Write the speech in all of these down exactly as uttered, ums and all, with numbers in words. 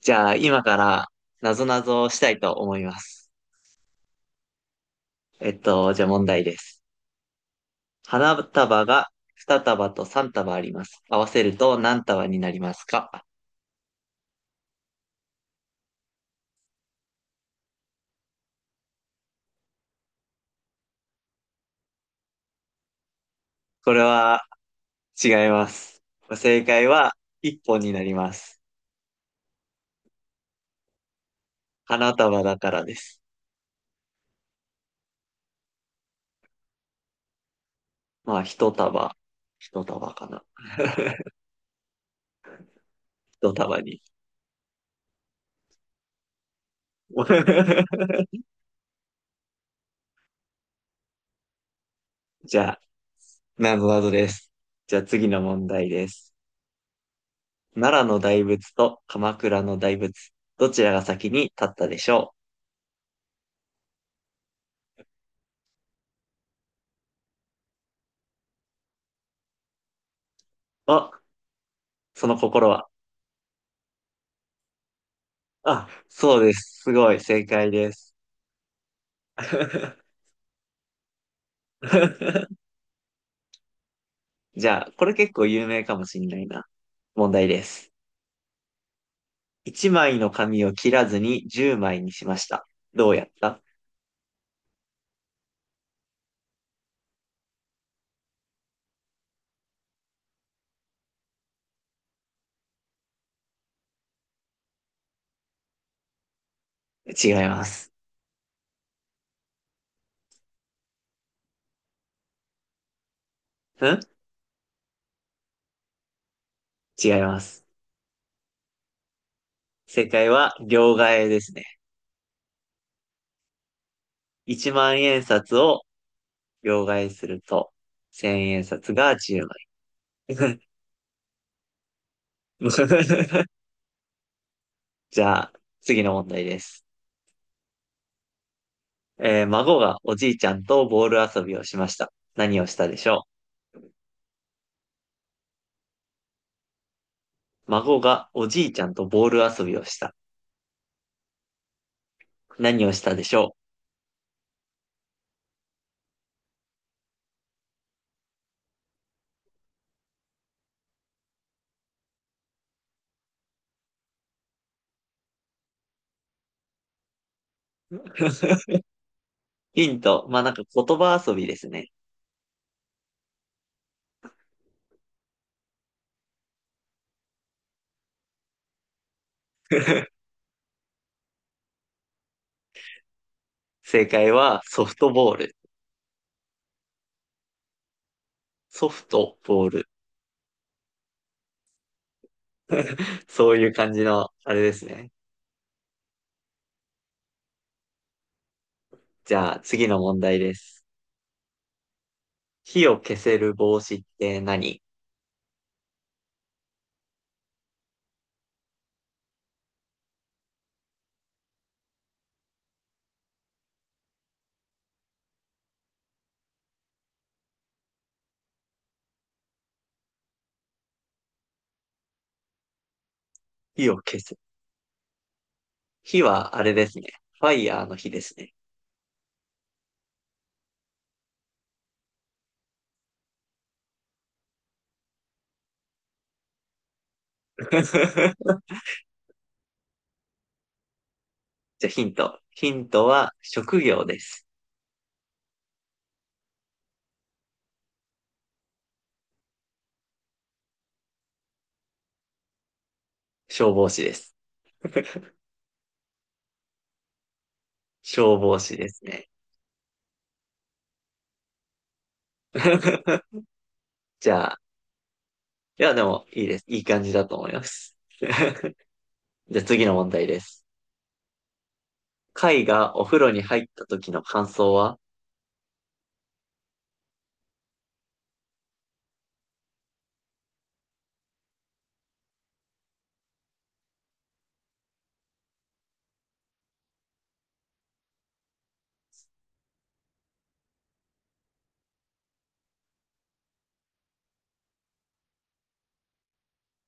じゃあ、今から、なぞなぞをしたいと思います。えっと、じゃあ問題です。花束がに束とさん束あります。合わせると何束になりますか？これは違います。正解はいっぽんになります。花束だからです。まあ、ひとたば束、ひとたば束かな。ひとたば束に。じゃあ、なぞなぞです。じゃあ次の問題です。奈良の大仏と鎌倉の大仏、どちらが先に立ったでしょう？お、その心は。あ、そうです。すごい、正解です。じゃあ、これ結構有名かもしんないな。問題です。いちまいの紙を切らずにじゅうまいにしました。どうやった？違います。ん違います。正解は両替えですね。いちまん円札を両替すると、せんえん札がじゅうまい。じゃあ、次の問題です。えー孫がおじいちゃんとボール遊びをしました。何をしたでしょう？孫がおじいちゃんとボール遊びをした。何をしたでしょう？ ヒント。まあ、なんか言葉遊びですね。正解はソフトボール。ソフトボール。そういう感じの、あれですね。じゃあ、次の問題です。火を消せる帽子って何？火を消す。火はあれですね。ファイヤーの火ですね。じゃあ、ヒント。ヒントは職業です。消防士です。消防士ですね。じゃあ、いや、でも、いいです。いい感じだと思います。じゃあ次の問題です。貝がお風呂に入った時の感想は？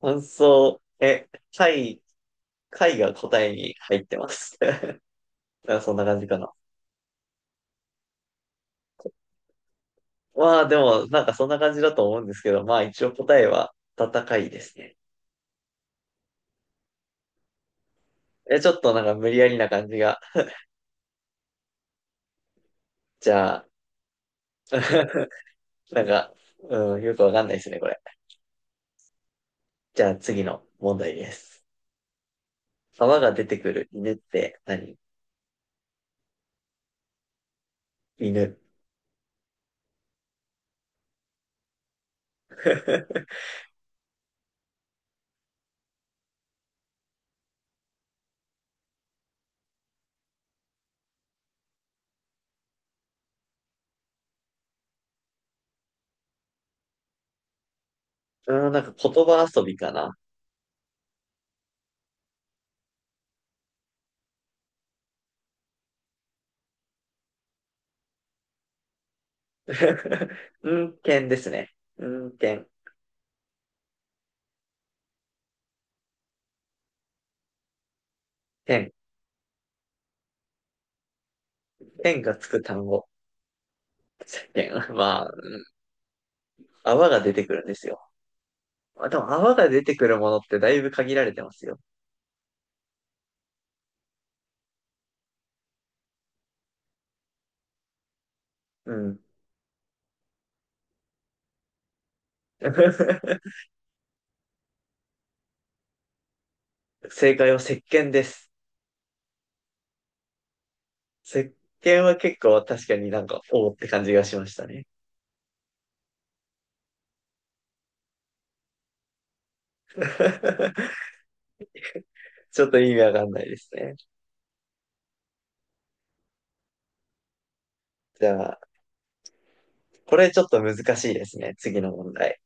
感想、え、貝、貝が答えに入ってます。なんかそんな感じかな。まあでも、なんかそんな感じだと思うんですけど、まあ一応答えは戦いですね。え、ちょっとなんか無理やりな感じが。じゃあ、なんか、うん、よくわかんないですね、これ。じゃあ次の問題です。泡が出てくる犬って何？犬。うん、なんか言葉遊びかな。うん、犬ですね。うん、犬。犬。犬がつく単語。犬。まあ、泡が出てくるんですよ。まあ、でも泡が出てくるものってだいぶ限られてますよ。うん。正解は石鹸です。石鹸は結構確かになんか、おーって感じがしましたね。ちょっと意味わかんないですね。じゃあ、これちょっと難しいですね。次の問題。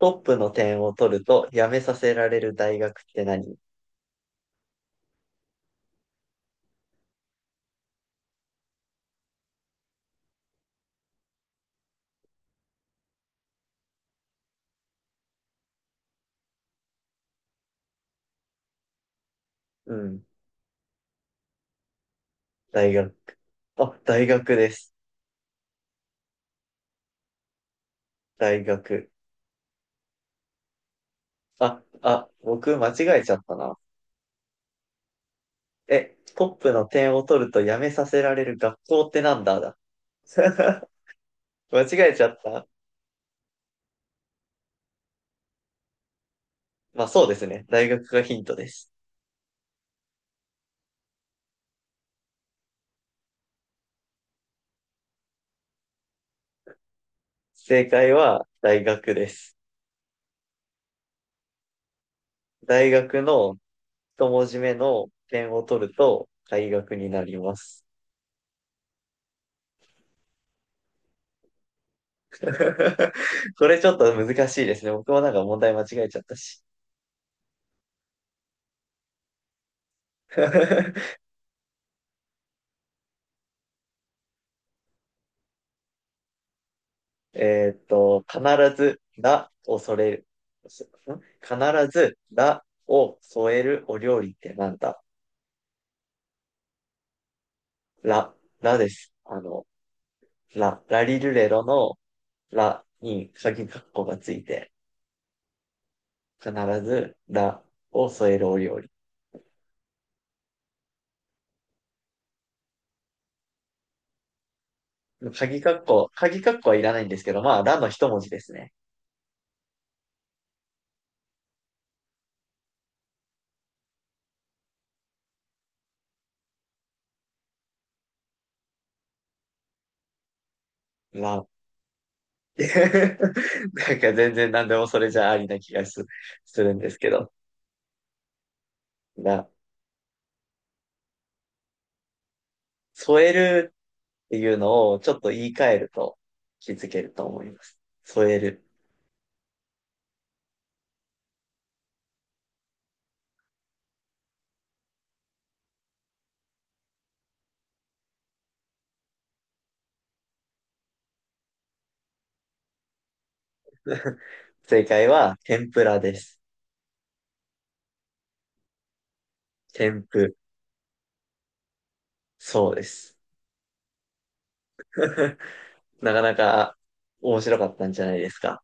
トップの点を取ると辞めさせられる大学って何？うん、大学。あ、大学です。大学。あ、あ、僕間違えちゃったな。え、トップの点を取ると辞めさせられる学校ってなんだだ。間違えちゃった。まあそうですね。大学がヒントです。正解は大学です。大学の一文字目の点を取ると大学になります。これちょっと難しいですね。僕もなんか問題間違えちゃったし。えーっと、必ず、らを添える。ん必ず、らを添えるお料理ってなんだ？ら、らです。あの、ら、ラリルレロのらに鍵括弧がついて、必ず、らを添えるお料理。鍵括弧、鍵括弧はいらないんですけど、まあ、らの一文字ですね。ら。なんか全然何でもそれじゃありな気がす、するんですけど、な、添えるっていうのをちょっと言い換えると気づけると思います。添える。正解は天ぷらです。天ぷ。そうです。なかなか面白かったんじゃないですか。